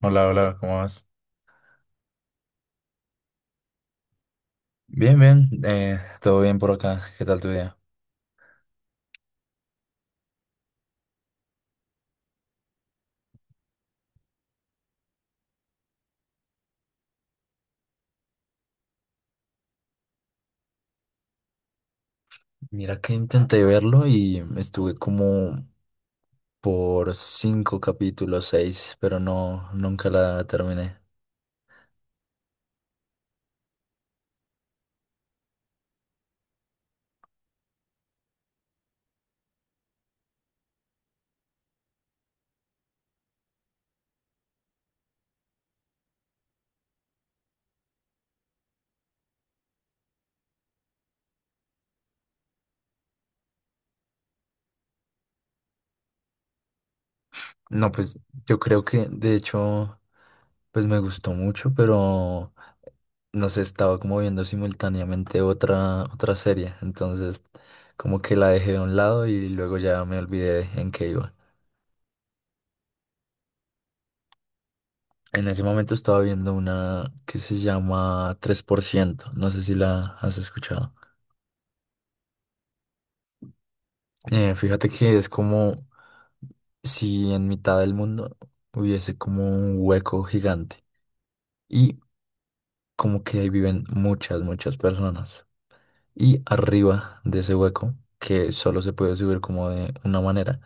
Hola, hola, ¿cómo vas? Bien, bien, todo bien por acá. ¿Qué tal tu día? Mira que intenté verlo y estuve como por cinco capítulos, seis, pero no, nunca la terminé. No, pues yo creo que de hecho, pues me gustó mucho, pero no sé, estaba como viendo simultáneamente otra serie, entonces como que la dejé de un lado y luego ya me olvidé en qué iba. En ese momento estaba viendo una que se llama 3%, no sé si la has escuchado. Fíjate que es como si en mitad del mundo hubiese como un hueco gigante y como que ahí viven muchas, muchas personas. Y arriba de ese hueco, que solo se puede subir como de una manera,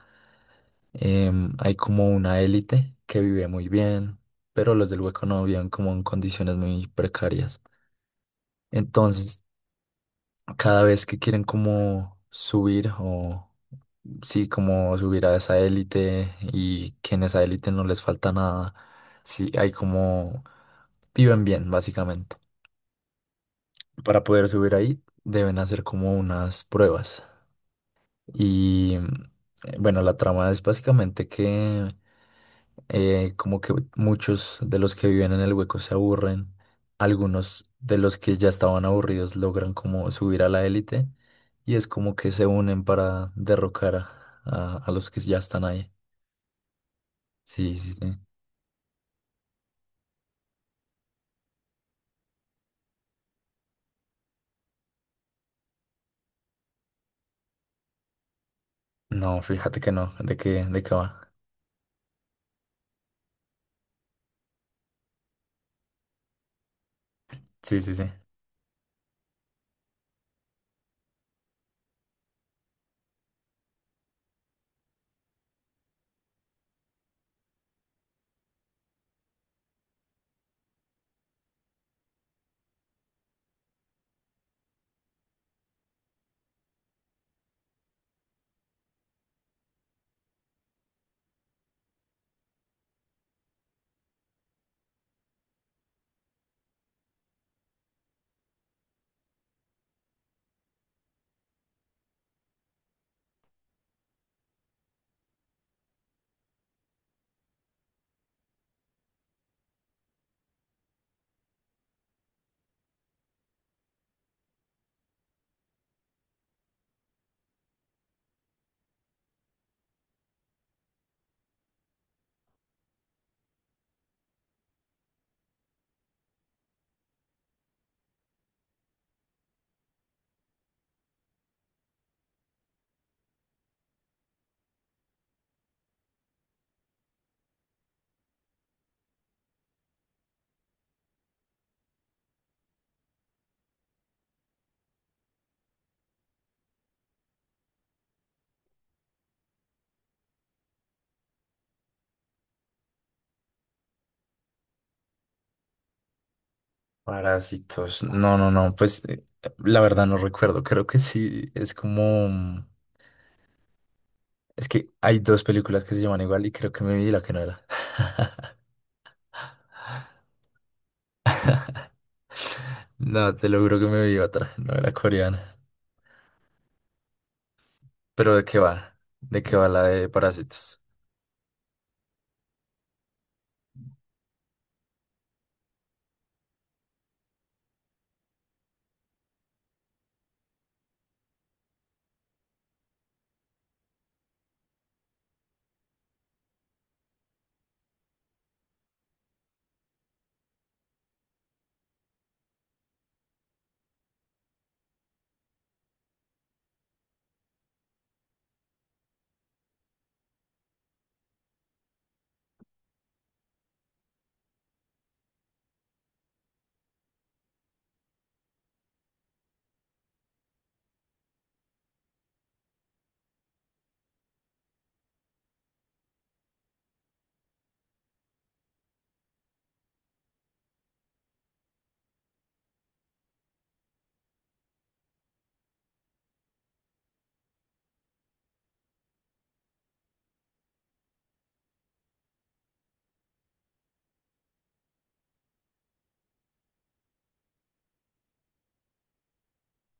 hay como una élite que vive muy bien, pero los del hueco no viven como en condiciones muy precarias. Entonces, cada vez que quieren como subir o sí, como subir a esa élite y que en esa élite no les falta nada, sí, hay como viven bien, básicamente. Para poder subir ahí deben hacer como unas pruebas. Y bueno, la trama es básicamente que como que muchos de los que viven en el hueco se aburren, algunos de los que ya estaban aburridos logran como subir a la élite y es como que se unen para derrocar a, a los que ya están ahí. Sí, sí, sí. No, fíjate que no, de qué va? Sí, sí, sí. Parásitos. No, no, no, pues la verdad no recuerdo, creo que sí, es como mm, es que hay dos películas que se llaman igual y creo que me vi la que no era. No, te lo juro que me vi otra, no era coreana. Pero ¿de qué va? ¿De qué va la de Parásitos?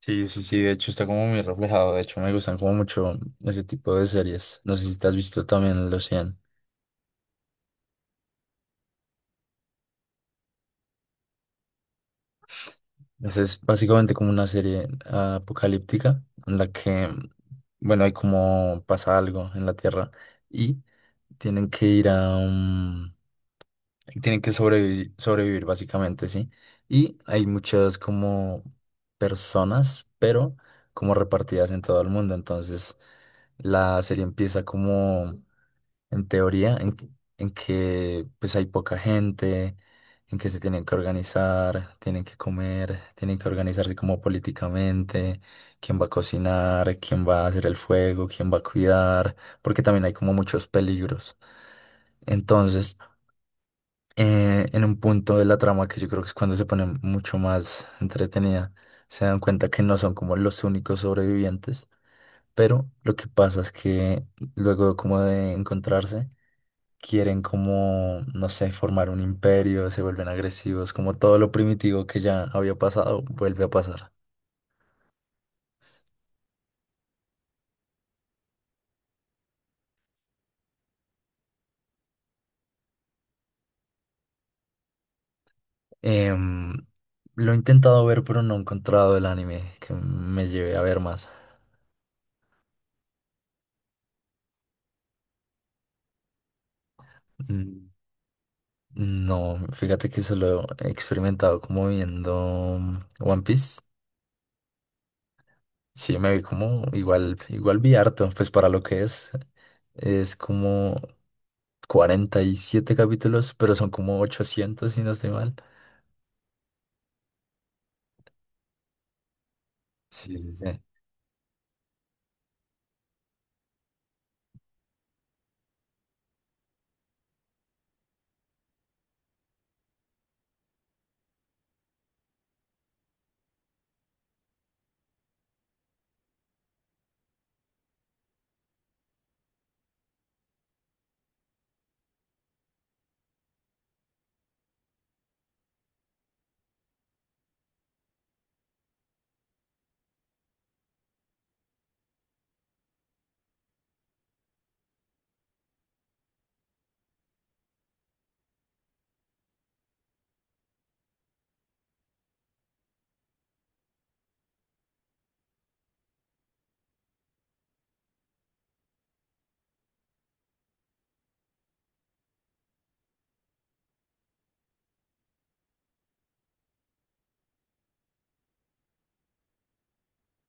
Sí, sí, sí, de hecho está como muy reflejado. De hecho, me gustan como mucho ese tipo de series. No sé si te has visto también El Océano. Esa es básicamente como una serie apocalíptica en la que, bueno, hay como pasa algo en la Tierra y tienen que ir a y tienen que sobrevivir, sobrevivir básicamente, ¿sí? Y hay muchas como personas, pero como repartidas en todo el mundo. Entonces, la serie empieza como en teoría, en, en que pues hay poca gente, en que se tienen que organizar, tienen que comer, tienen que organizarse como políticamente, quién va a cocinar, quién va a hacer el fuego, quién va a cuidar, porque también hay como muchos peligros. Entonces, en un punto de la trama que yo creo que es cuando se pone mucho más entretenida. Se dan cuenta que no son como los únicos sobrevivientes, pero lo que pasa es que luego como de encontrarse, quieren como, no sé, formar un imperio, se vuelven agresivos, como todo lo primitivo que ya había pasado vuelve a pasar. Em, lo he intentado ver, pero no he encontrado el anime que me lleve a ver más. Mm, no, fíjate que solo he experimentado como viendo mm, One Piece. Sí, me vi como igual, igual vi harto, pues para lo que es. Es como 47 capítulos, pero son como 800 si no estoy mal. Sí, sí, sí.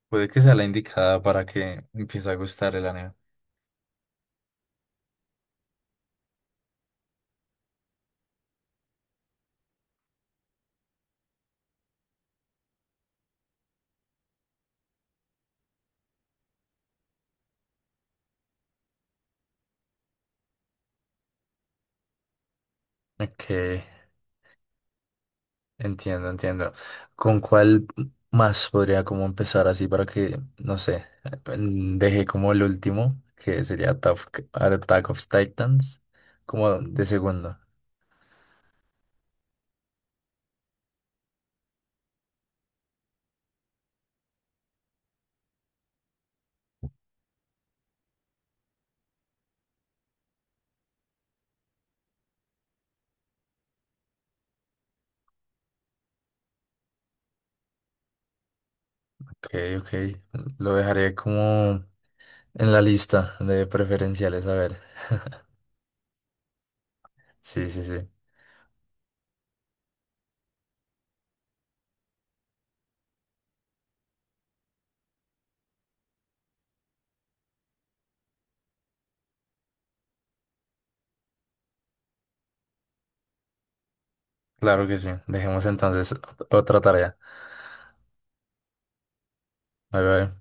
Puede que sea la indicada para que empiece a gustar el anime. Ok. Entiendo, entiendo. ¿Con cuál más podría como empezar así para que, no sé, mm, deje como el último, que sería Attack of Titans, como de segundo? Ok, ok. Lo dejaré como en la lista de preferenciales, a ver. Sí, sí, sí. Claro que sí. Dejemos entonces otra tarea. Bye, bye.